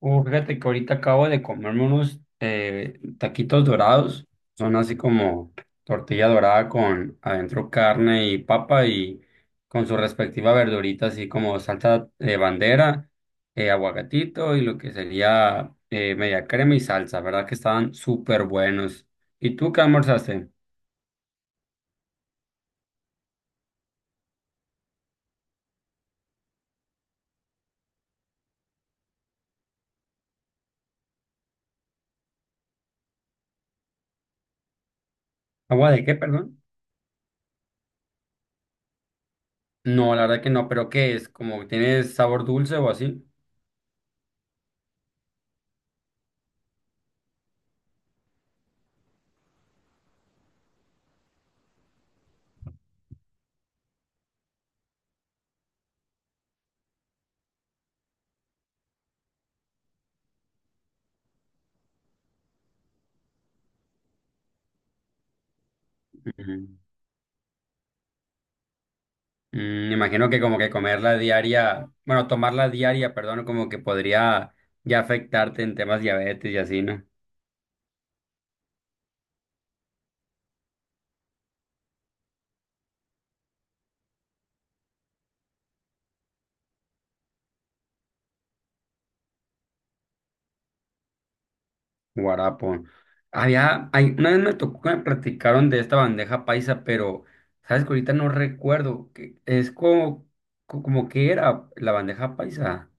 Fíjate que ahorita acabo de comerme unos taquitos dorados. Son así como tortilla dorada con adentro carne y papa y con su respectiva verdurita, así como salsa de bandera, aguacatito y lo que sería media crema y salsa. ¿Verdad que estaban súper buenos? ¿Y tú qué almorzaste? ¿Agua de qué, perdón? No, la verdad que no, pero ¿qué es? ¿Como tiene sabor dulce o así? Ujú. Me imagino que como que comerla diaria, bueno, tomarla diaria, perdón, como que podría ya afectarte en temas diabetes y así, ¿no? Guarapo. Hay una vez me tocó que me platicaron de esta bandeja paisa, pero sabes que ahorita no recuerdo, que es como, como que era la bandeja paisa.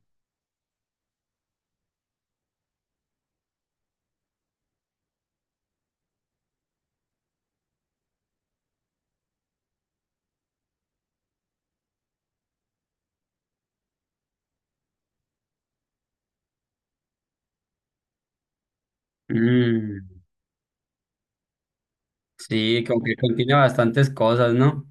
Mm, sí, como que contiene bastantes cosas, ¿no?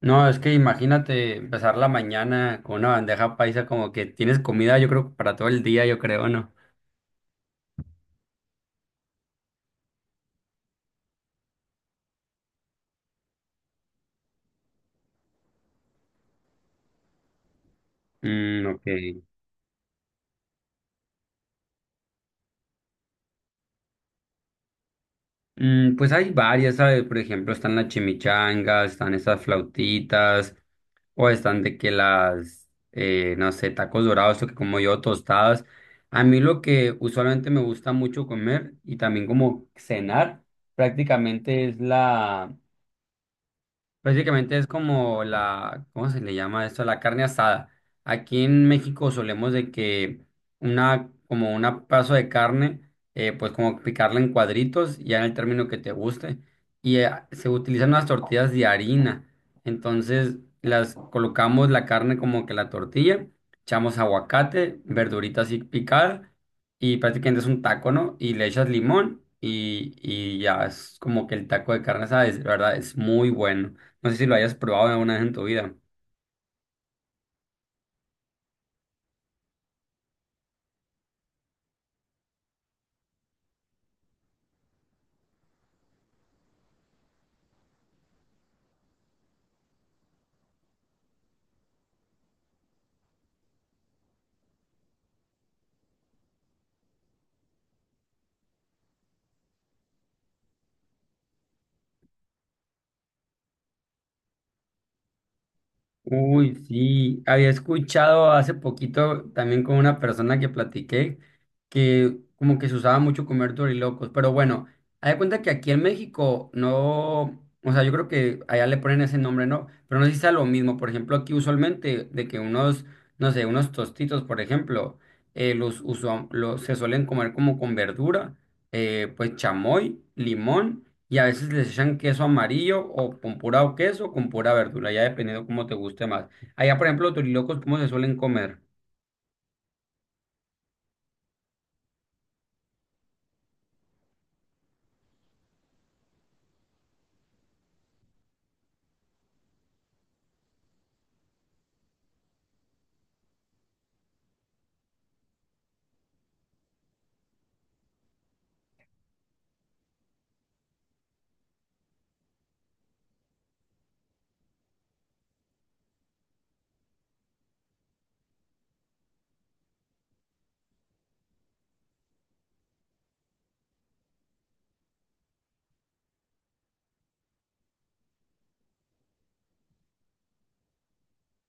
No, es que imagínate empezar la mañana con una bandeja paisa, como que tienes comida, yo creo, para todo el día, yo creo, ¿no? Mm, ok. Pues hay varias, ¿sabes? Por ejemplo, están las chimichangas, están esas flautitas, o están de que las, no sé, tacos dorados o que como yo, tostadas. A mí lo que usualmente me gusta mucho comer y también como cenar prácticamente es la, prácticamente es como la, ¿cómo se le llama esto? La carne asada. Aquí en México solemos de que una, como un pedazo de carne, pues como picarla en cuadritos, ya en el término que te guste. Y se utilizan unas tortillas de harina. Entonces las colocamos la carne como que la tortilla, echamos aguacate, verduritas así picadas, y prácticamente es un taco, ¿no? Y le echas limón y ya es como que el taco de carne asada, es, la verdad, es muy bueno. No sé si lo hayas probado alguna vez en tu vida. Uy, sí. Había escuchado hace poquito también con una persona que platiqué que como que se usaba mucho comer dorilocos. Pero bueno, hay de cuenta que aquí en México no. O sea, yo creo que allá le ponen ese nombre, ¿no? Pero no sé si sea lo mismo. Por ejemplo, aquí usualmente de que unos, no sé, unos tostitos, por ejemplo, los, los se suelen comer como con verdura, pues chamoy, limón. Y a veces les echan queso amarillo o con pura o queso o con pura verdura, ya dependiendo cómo te guste más. Allá, por ejemplo, los turilocos, ¿cómo se suelen comer?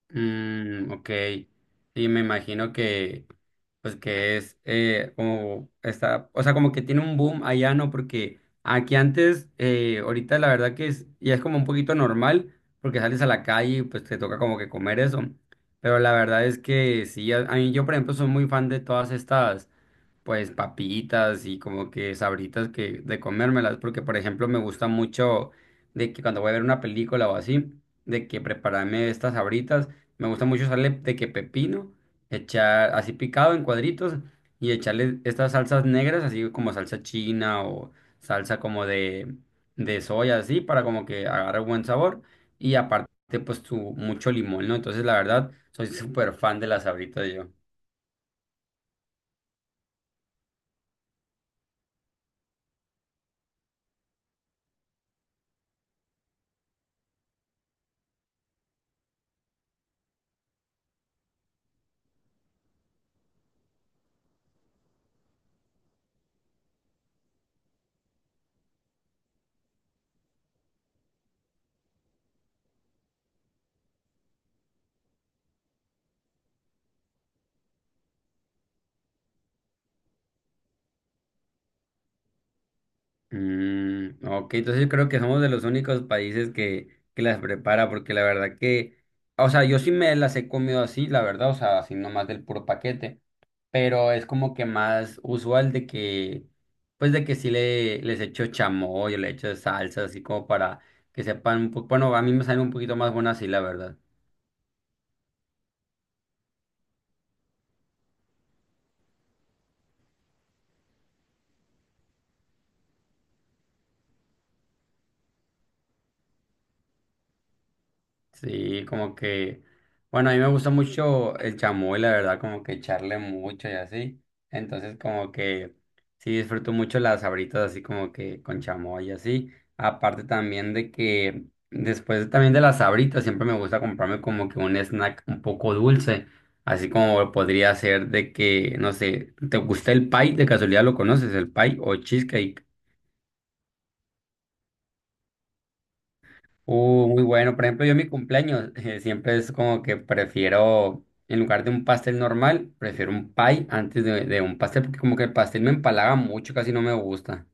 Mm, ok, sí, me imagino que, pues que es como está, o sea, como que tiene un boom allá, ¿no? Porque aquí antes, ahorita la verdad que es, ya es como un poquito normal, porque sales a la calle y pues te toca como que comer eso. Pero la verdad es que sí, a mí yo, por ejemplo, soy muy fan de todas estas, pues papitas y como que sabritas que de comérmelas, porque por ejemplo me gusta mucho de que cuando voy a ver una película o así, de que prepararme estas sabritas, me gusta mucho usarle de que pepino, echar así picado en cuadritos y echarle estas salsas negras, así como salsa china o salsa como de soya, así para como que agarre buen sabor y aparte pues tu mucho limón, ¿no? Entonces la verdad soy súper fan de las sabritas yo. Mm, ok, entonces creo que somos de los únicos países que las prepara, porque la verdad que, o sea, yo sí me las he comido así, la verdad, o sea, así nomás del puro paquete, pero es como que más usual de que, pues de que sí les echo chamoy, o le echo salsa, así como para que sepan, bueno, a mí me salen un poquito más buenas así, la verdad. Sí, como que, bueno, a mí me gusta mucho el chamoy, la verdad, como que echarle mucho y así. Entonces, como que sí disfruto mucho las sabritas así como que con chamoy y así. Aparte también de que después también de las sabritas siempre me gusta comprarme como que un snack un poco dulce, así como podría ser de que, no sé, ¿te gusta el pie? De casualidad lo conoces, el pie o cheesecake. Muy bueno. Por ejemplo, yo en mi cumpleaños siempre es como que prefiero, en lugar de un pastel normal, prefiero un pie antes de un pastel, porque como que el pastel me empalaga mucho, casi no me gusta.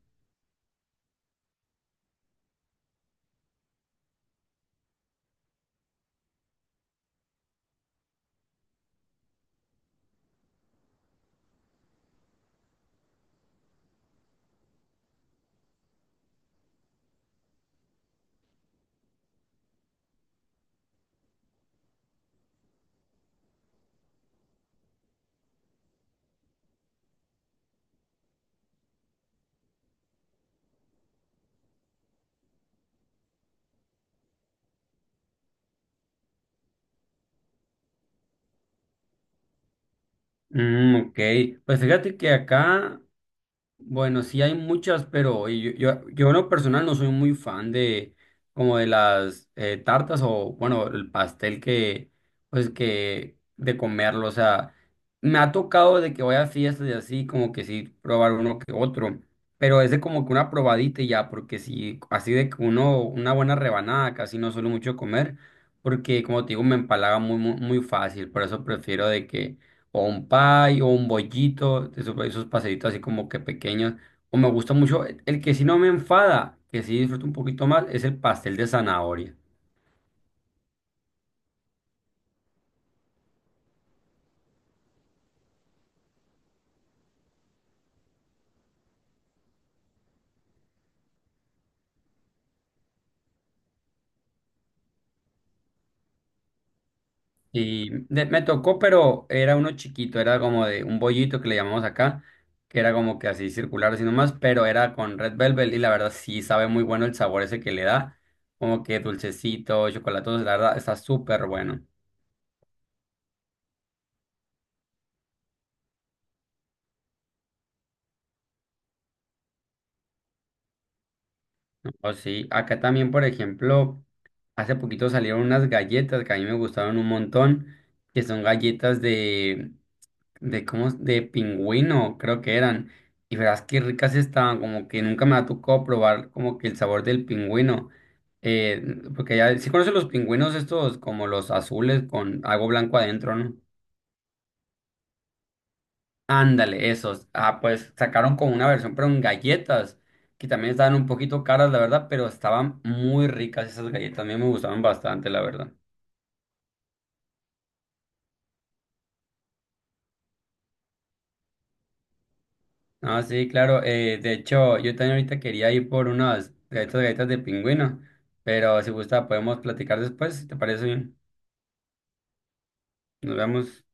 Mm, ok. Pues fíjate que acá, bueno, sí hay muchas, pero yo en lo personal no soy muy fan de como de las tartas o bueno, el pastel que pues que de comerlo, o sea, me ha tocado de que voy a fiestas y así como que sí probar uno que otro, pero es de como que una probadita y ya, porque si así de que uno una buena rebanada casi no suelo mucho comer, porque como te digo me empalaga muy muy, muy fácil, por eso prefiero de que o un pie, o un bollito, esos paseitos así como que pequeños. O me gusta mucho, el que sí no me enfada, que sí disfruto un poquito más, es el pastel de zanahoria. Y me tocó, pero era uno chiquito, era como de un bollito que le llamamos acá, que era como que así circular, así nomás, pero era con red velvet y la verdad sí sabe muy bueno el sabor ese que le da, como que dulcecito, chocolatoso, la verdad está súper bueno. Oh, sí, acá también, por ejemplo, hace poquito salieron unas galletas que a mí me gustaron un montón, que son galletas de, ¿cómo es? De pingüino, creo que eran. Y verás qué ricas estaban, como que nunca me ha tocado probar como que el sabor del pingüino. Eh, Porque ya, si conoces los pingüinos estos, como los azules con algo blanco adentro, ¿no? Ándale, esos. Ah, pues sacaron con una versión, pero en galletas, que también estaban un poquito caras, la verdad, pero estaban muy ricas esas galletas. A mí me gustaban bastante, la verdad. Ah, sí, claro. De hecho, yo también ahorita quería ir por unas galletas, galletas de pingüino, pero si gusta podemos platicar después, si te parece bien. Nos vemos.